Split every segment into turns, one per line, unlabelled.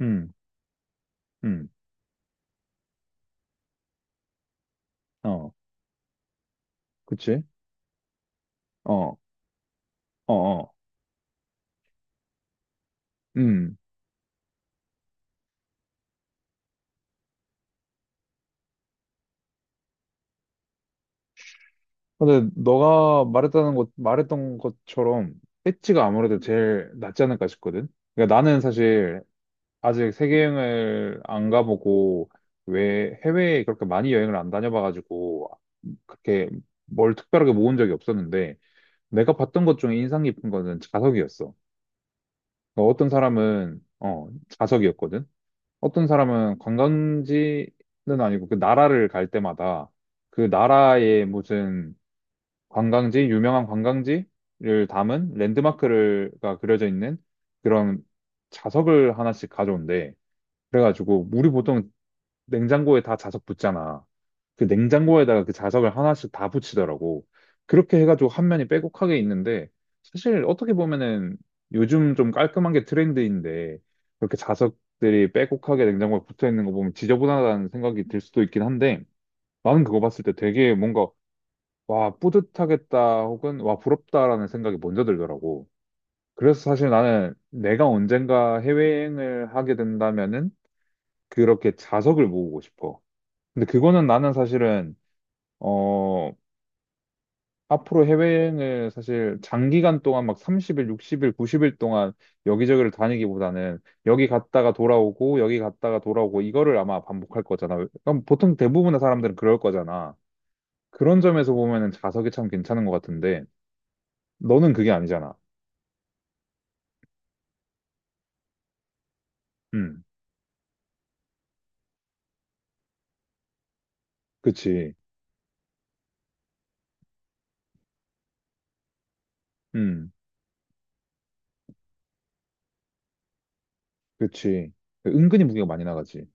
음, 음, 어, 그치? 어, 어, 어, 음. 근데 말했던 것처럼 배지가 아무래도 제일 낫지 않을까 싶거든? 그러니까 나는 사실 아직 세계여행을 안 가보고 왜 해외에 그렇게 많이 여행을 안 다녀봐가지고 그렇게 뭘 특별하게 모은 적이 없었는데 내가 봤던 것 중에 인상 깊은 거는 자석이었어. 그러니까 어떤 사람은 자석이었거든? 어떤 사람은 관광지는 아니고 그 나라를 갈 때마다 그 나라의 무슨 관광지, 유명한 관광지를 담은 랜드마크가 그려져 있는 그런 자석을 하나씩 가져온대. 그래가지고 우리 보통 냉장고에 다 자석 붙잖아. 그 냉장고에다가 그 자석을 하나씩 다 붙이더라고. 그렇게 해가지고 한 면이 빼곡하게 있는데 사실 어떻게 보면은 요즘 좀 깔끔한 게 트렌드인데 그렇게 자석들이 빼곡하게 냉장고에 붙어 있는 거 보면 지저분하다는 생각이 들 수도 있긴 한데 나는 그거 봤을 때 되게 뭔가 와 뿌듯하겠다 혹은 와 부럽다라는 생각이 먼저 들더라고. 그래서 사실 나는 내가 언젠가 해외여행을 하게 된다면은 그렇게 자석을 모으고 싶어. 근데 그거는 나는 사실은 어 앞으로 해외여행을 사실 장기간 동안 막 30일, 60일, 90일 동안 여기저기를 다니기보다는 여기 갔다가 돌아오고 여기 갔다가 돌아오고 이거를 아마 반복할 거잖아. 그럼 보통 대부분의 사람들은 그럴 거잖아. 그런 점에서 보면은 자석이 참 괜찮은 것 같은데 너는 그게 아니잖아. 음, 그치. 음, 그치. 은근히 무게가 많이 나가지.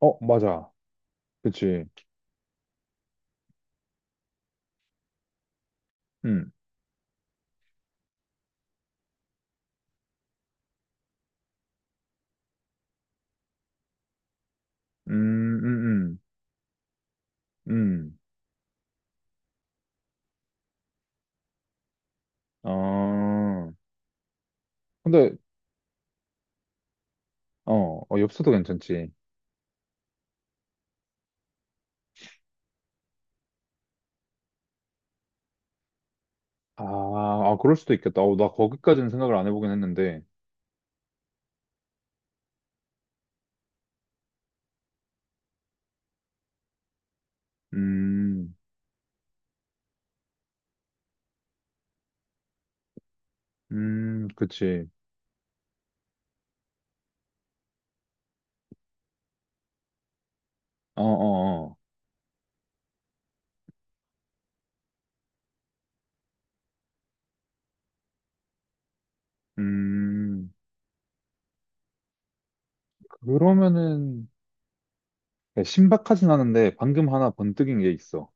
어, 맞아. 그치. 음, 음, 음, 음, 음. 아, 근데 어, 엽서도 괜찮지. 아, 아, 그럴 수도 있겠다. 어, 나 거기까지는 생각을 안 해보긴 했는데. 음, 그치. 어, 어, 어. 음, 그러면은, 야, 신박하진 않은데, 방금 하나 번뜩인 게 있어.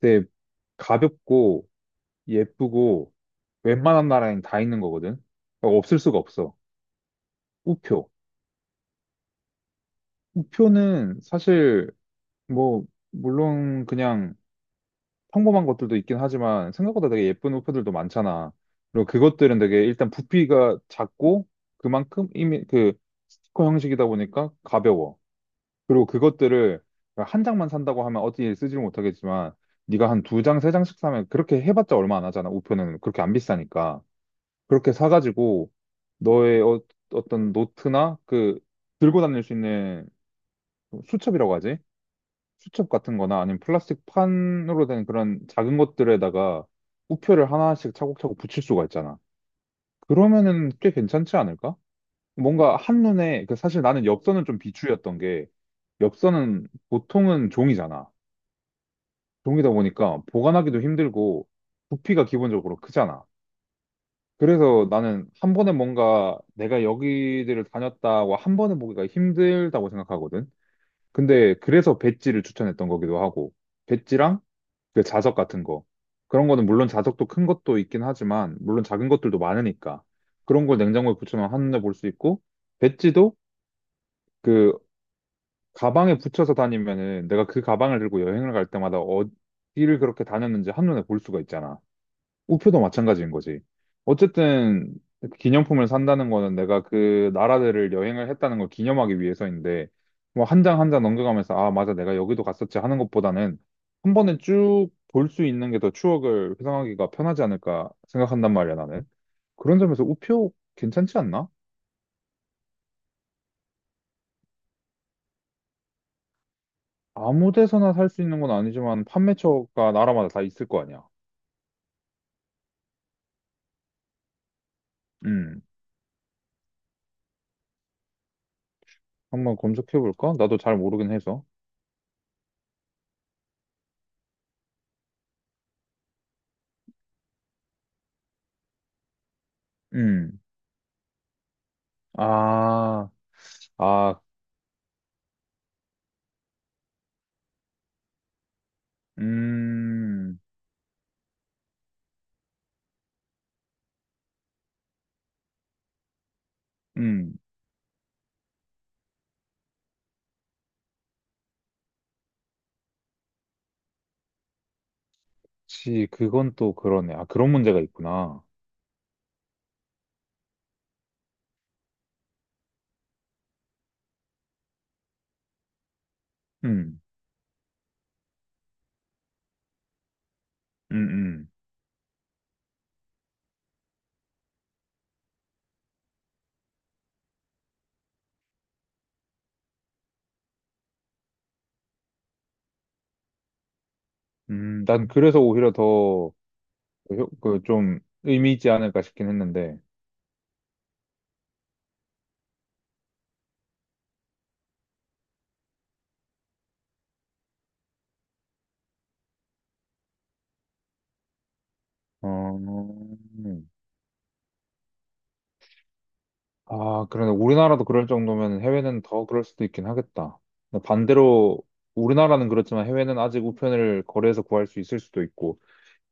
근데 가볍고, 예쁘고, 웬만한 나라엔 다 있는 거거든. 그러니까 없을 수가 없어. 우표. 우표는 사실, 뭐, 물론 그냥, 평범한 것들도 있긴 하지만 생각보다 되게 예쁜 호프들도 많잖아. 그리고 그것들은 되게 일단 부피가 작고 그만큼 이미 그 스티커 형식이다 보니까 가벼워. 그리고 그것들을 한 장만 산다고 하면 어디에 쓰지를 못하겠지만 네가 한 두 장, 세 장씩 사면 그렇게 해봤자 얼마 안 하잖아. 우표는 그렇게 안 비싸니까. 그렇게 사가지고 너의 어떤 노트나 그 들고 다닐 수 있는 수첩이라고 하지? 수첩 같은 거나 아니면 플라스틱 판으로 된 그런 작은 것들에다가 우표를 하나씩 차곡차곡 붙일 수가 있잖아. 그러면은 꽤 괜찮지 않을까? 뭔가 한눈에, 그 사실 나는 엽서는 좀 비추였던 게, 엽서는 보통은 종이잖아. 종이다 보니까 보관하기도 힘들고, 부피가 기본적으로 크잖아. 그래서 나는 한 번에 뭔가 내가 여기들을 다녔다고 한 번에 보기가 힘들다고 생각하거든. 근데 그래서 배지를 추천했던 거기도 하고, 배지랑 그 자석 같은 거. 그런 거는 물론 자석도 큰 것도 있긴 하지만, 물론 작은 것들도 많으니까. 그런 걸 냉장고에 붙여놓으면 한눈에 볼 수 있고, 배지도 그 가방에 붙여서 다니면은 내가 그 가방을 들고 여행을 갈 때마다 어디를 그렇게 다녔는지 한눈에 볼 수가 있잖아. 우표도 마찬가지인 거지. 어쨌든 기념품을 산다는 거는 내가 그 나라들을 여행을 했다는 걸 기념하기 위해서인데 뭐 한 장 한 장 넘겨가면서 아 맞아 내가 여기도 갔었지 하는 것보다는 한 번에 쭉 볼 수 있는 게 더 추억을 회상하기가 편하지 않을까 생각한단 말이야 나는. 그런 점에서 우표 괜찮지 않나? 아무 데서나 살 수 있는 건 아니지만 판매처가 나라마다 다 있을 거 아니야. 음 한번 검색해 볼까? 나도 잘 모르긴 해서. 음. 아, 아, 음, 음, 그건 또 그러네. 아, 그런 문제가 있구나. 음, 음, 음. 난 그래서 오히려 더, 좀, 의미 있지 않을까 싶긴 했는데. 어, 아, 그러네. 우리나라도 그럴 정도면 해외는 더 그럴 수도 있긴 하겠다. 근데 반대로, 우리나라는 그렇지만 해외는 아직 우편을 거래해서 구할 수 있을 수도 있고.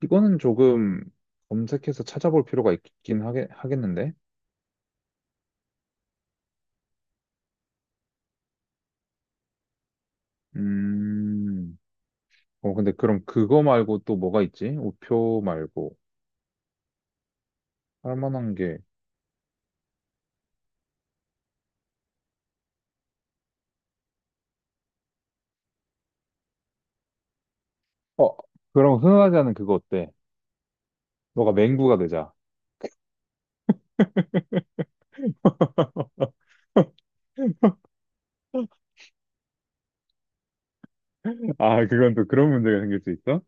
이거는 조금 검색해서 찾아볼 필요가 있긴 하겠는데? 음, 어, 근데 그럼 그거 말고 또 뭐가 있지? 우표 말고. 할 만한 게. 어, 그럼 흔하지 않은 그거 어때? 너가 맹구가 되자. 아, 그건 또 그런 문제가 생길 수 있어?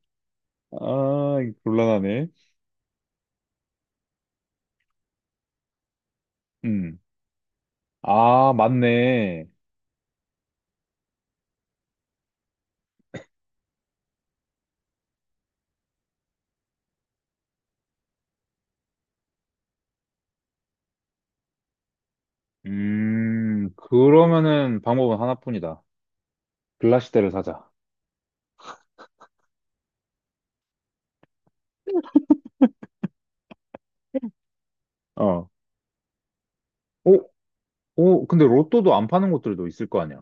아, 이거 곤란하네. 음. 아, 맞네. 그러면은 방법은 하나뿐이다. 글라시대를 사자. 어. 오, 오, 근데 로또도 안 파는 곳들도 있을 거 아니야.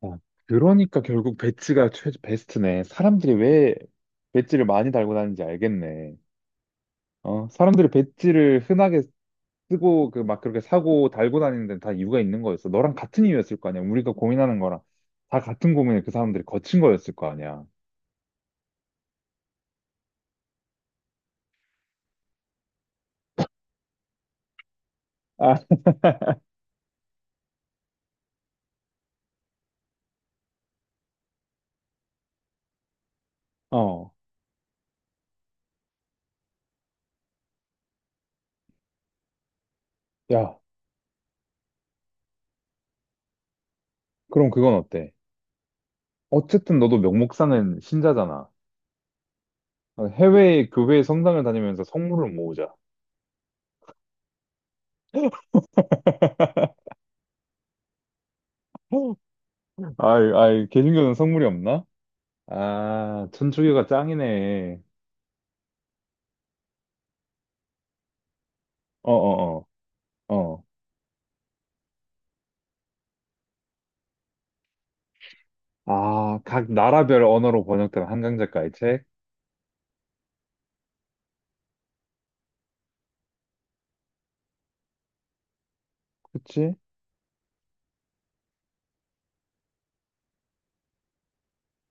어. 그러니까 결국 배지가 베스트네. 사람들이 왜 배지를 많이 달고 다니는지 알겠네. 어, 사람들이 배지를 흔하게 쓰고 그 막 그렇게 사고 달고 다니는 데는 다 이유가 있는 거였어. 너랑 같은 이유였을 거 아니야. 우리가 고민하는 거랑 다 같은 고민을 그 사람들이 거친 거였을 거 아니야. 아, 어, 야, 그럼 그건 어때? 어쨌든 너도 명목상은 신자잖아. 어, 해외 교회 성당을 다니면서 성물을 모으자. 아이, 아이, 개신교는 성물이 없나? 아, 천주교가 짱이네. 어, 어, 어, 어. 아, 각 나라별 언어로 번역된 한강 작가의 책? 그치?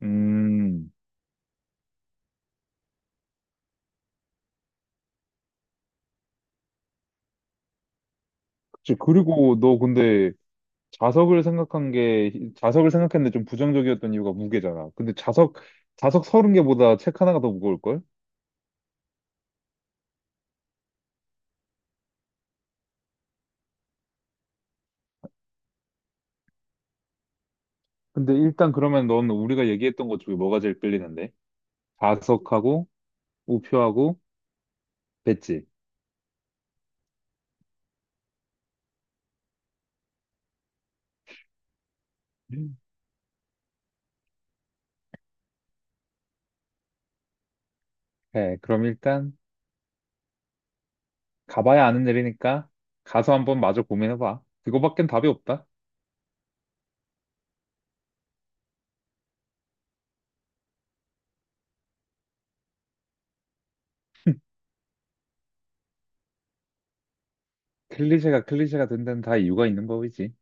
음, 그치. 그리고 너 근데 자석을 생각했는데 좀 부정적이었던 이유가 무게잖아. 근데 자석 서른 개보다 책 하나가 더 무거울걸? 근데 일단 그러면 넌 우리가 얘기했던 것 중에 뭐가 제일 끌리는데? 자석하고, 우표하고, 배지. 음. 네, 그럼 일단 가봐야 아는 일이니까 가서 한번 마저 고민해봐. 그거밖엔 답이 없다. 클리셰가 클리셰가 된 데는 다 이유가 있는 거지.